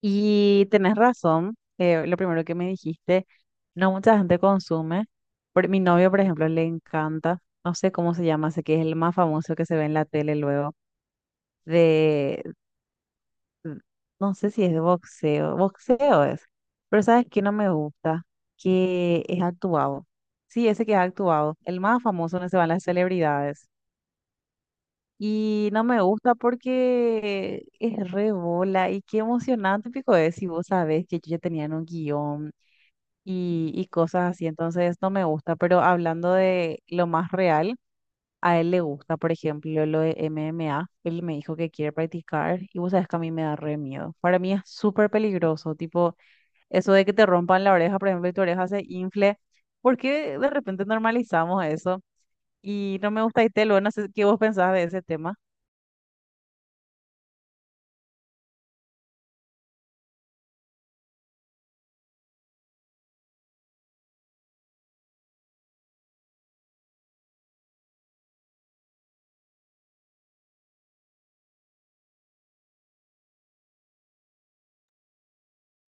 Y tenés razón, lo primero que me dijiste, no mucha gente consume. Mi novio, por ejemplo, le encanta, no sé cómo se llama, sé que es el más famoso que se ve en la tele luego, de, de- no sé si es de boxeo, boxeo es, pero ¿sabes qué no me gusta? Que es actuado. Sí, ese que es actuado, el más famoso donde se van las celebridades. Y no me gusta porque es re bola y qué emocionante, pico, es si vos sabés que yo ya tenía un guión. Y cosas así, entonces no me gusta, pero hablando de lo más real, a él le gusta, por ejemplo, lo de MMA, él me dijo que quiere practicar y vos sabes que a mí me da re miedo, para mí es súper peligroso, tipo eso de que te rompan la oreja, por ejemplo, y tu oreja se infle. ¿Por qué de repente normalizamos eso? Y no me gusta y te lo, no sé qué vos pensás de ese tema,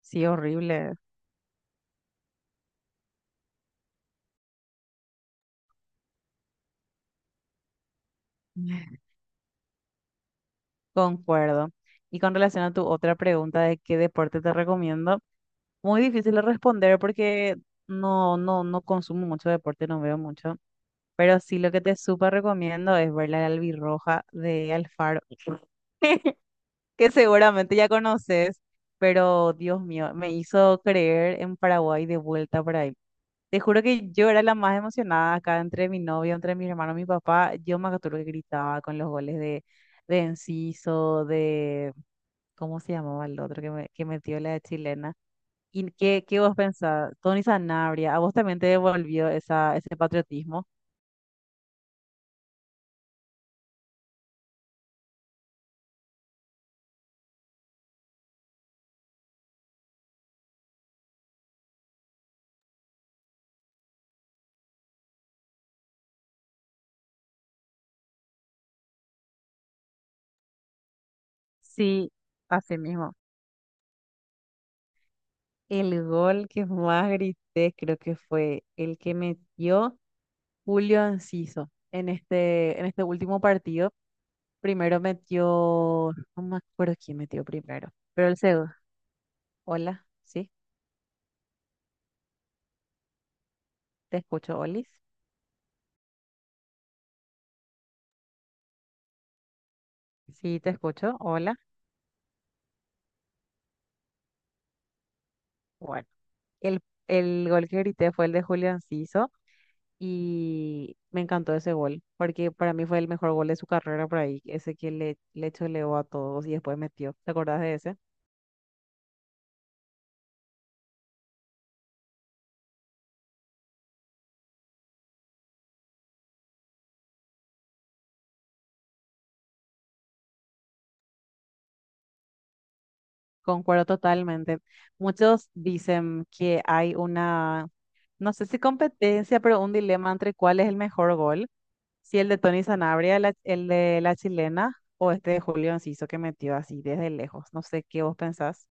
sí, horrible. Concuerdo. Y con relación a tu otra pregunta de qué deporte te recomiendo, muy difícil de responder porque no consumo mucho deporte, no veo mucho. Pero sí lo que te súper recomiendo es ver la albirroja de Alfaro, que seguramente ya conoces, pero Dios mío, me hizo creer en Paraguay de vuelta por ahí. Te juro que yo era la más emocionada acá entre mi novio, entre mis hermanos, mi papá. Yo me acuerdo que gritaba con los goles de Enciso, de, ¿cómo se llamaba el otro que, me, que metió la chilena? ¿Y qué, qué vos pensás? Tony Sanabria, ¿a vos también te devolvió esa, ese patriotismo? Sí, así mismo. El gol que más grité creo que fue el que metió Julio Enciso en este último partido. Primero metió, no me acuerdo quién metió primero, pero el segundo. Hola, sí, te escucho, Olis. Sí, te escucho, hola. Bueno, el, el gol que grité fue el de Julio Enciso. Y me encantó ese gol, porque para mí fue el mejor gol de su carrera por ahí, ese que le choleó a todos y después metió. ¿Te acordás de ese? Concuerdo totalmente. Muchos dicen que hay una, no sé si competencia, pero un dilema entre cuál es el mejor gol, si el de Tony Sanabria, el de la chilena, o este de Julio Enciso que metió así desde lejos. No sé qué vos pensás.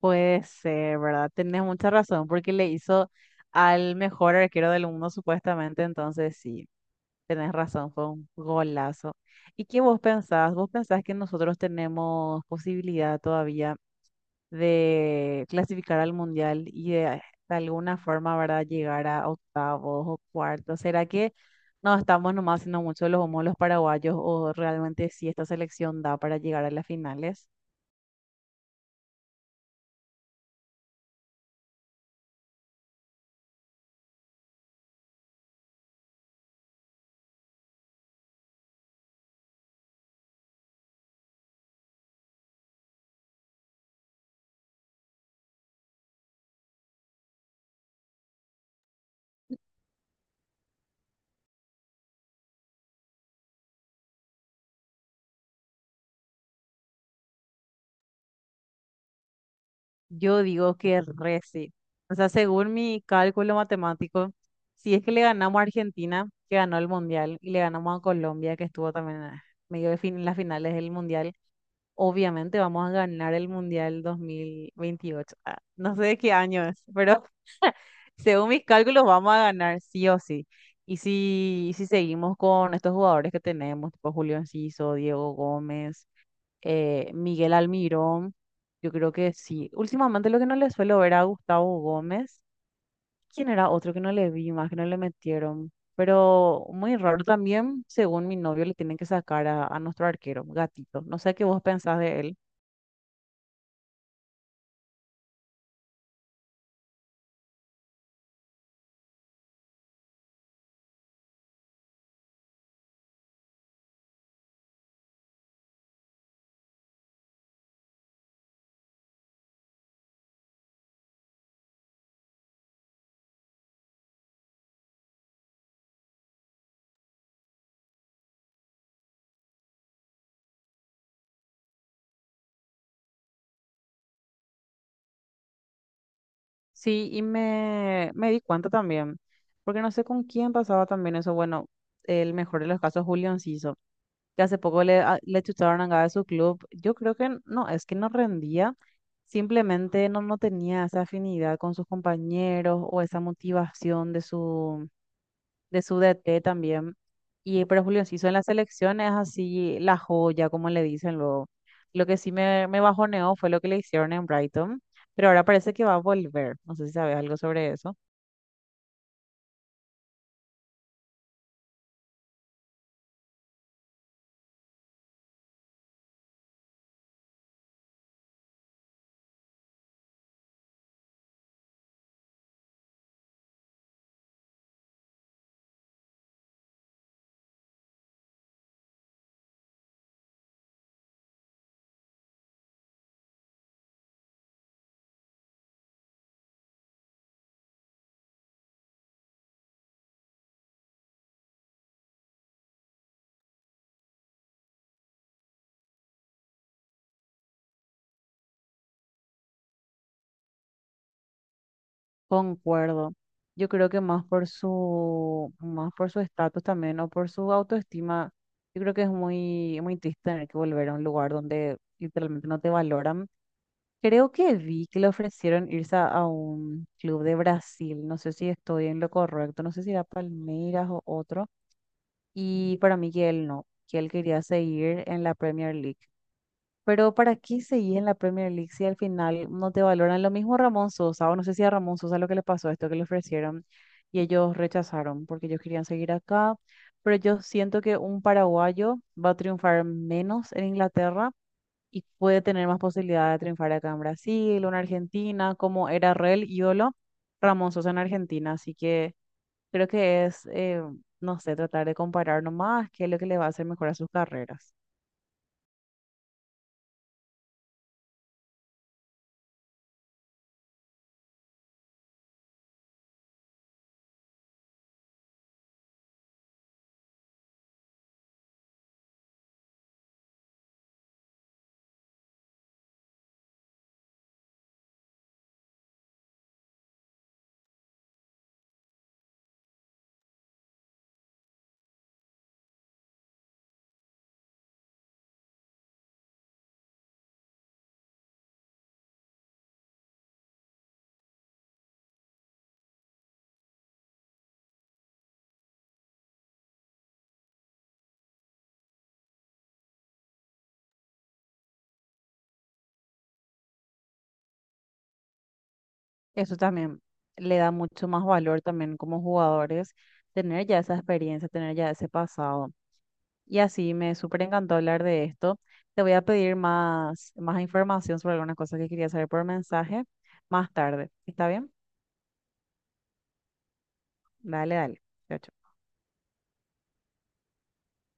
Puede ser, ¿verdad? Tenés mucha razón, porque le hizo al mejor arquero del mundo, supuestamente. Entonces, sí, tenés razón, fue un golazo. ¿Y qué vos pensás? ¿Vos pensás que nosotros tenemos posibilidad todavía de clasificar al mundial y de alguna forma, ¿verdad?, llegar a octavos o cuartos? ¿Será que no estamos nomás haciendo mucho los humos los paraguayos o realmente sí esta selección da para llegar a las finales? Yo digo que re sí. O sea, según mi cálculo matemático, si es que le ganamos a Argentina, que ganó el Mundial, y le ganamos a Colombia, que estuvo también en medio de fin en las finales del Mundial, obviamente vamos a ganar el Mundial 2028. Ah, no sé de qué año es, pero según mis cálculos vamos a ganar sí o sí. Y si seguimos con estos jugadores que tenemos, tipo Julio Enciso, Diego Gómez, Miguel Almirón, yo creo que sí. Últimamente lo que no le suelo ver a Gustavo Gómez, ¿quién era otro que no le vi más, que no le metieron? Pero muy raro también, según mi novio, le tienen que sacar a nuestro arquero, Gatito. No sé qué vos pensás de él. Sí, y me di cuenta también, porque no sé con quién pasaba también eso. Bueno, el mejor de los casos, Julio Enciso, que hace poco le, le chutaron a Gaga de su club. Yo creo que no, es que no rendía, simplemente no, no tenía esa afinidad con sus compañeros o esa motivación de su DT también. Y pero Julio Enciso en la selección es así la joya, como le dicen luego. Lo que sí me bajoneó fue lo que le hicieron en Brighton, pero ahora parece que va a volver. No sé si sabes algo sobre eso. Concuerdo. Yo creo que más por su estatus también o por su autoestima, yo creo que es muy, muy triste tener que volver a un lugar donde literalmente no te valoran. Creo que vi que le ofrecieron irse a un club de Brasil. No sé si estoy en lo correcto. No sé si era Palmeiras o otro. Y para mí que él no, que él quería seguir en la Premier League. Pero ¿para qué seguir en la Premier League si al final no te valoran? Lo mismo Ramón Sosa, o no sé si a Ramón Sosa lo que le pasó, esto que le ofrecieron y ellos rechazaron porque ellos querían seguir acá. Pero yo siento que un paraguayo va a triunfar menos en Inglaterra y puede tener más posibilidad de triunfar acá en Brasil o en Argentina, como era re el ídolo Ramón Sosa en Argentina. Así que creo que es, no sé, tratar de comparar nomás qué es lo que le va a hacer mejor a sus carreras. Eso también le da mucho más valor también como jugadores, tener ya esa experiencia, tener ya ese pasado. Y así me súper encantó hablar de esto. Te voy a pedir más, más información sobre algunas cosas que quería saber por mensaje más tarde. ¿Está bien? Dale, dale. Chao, chao.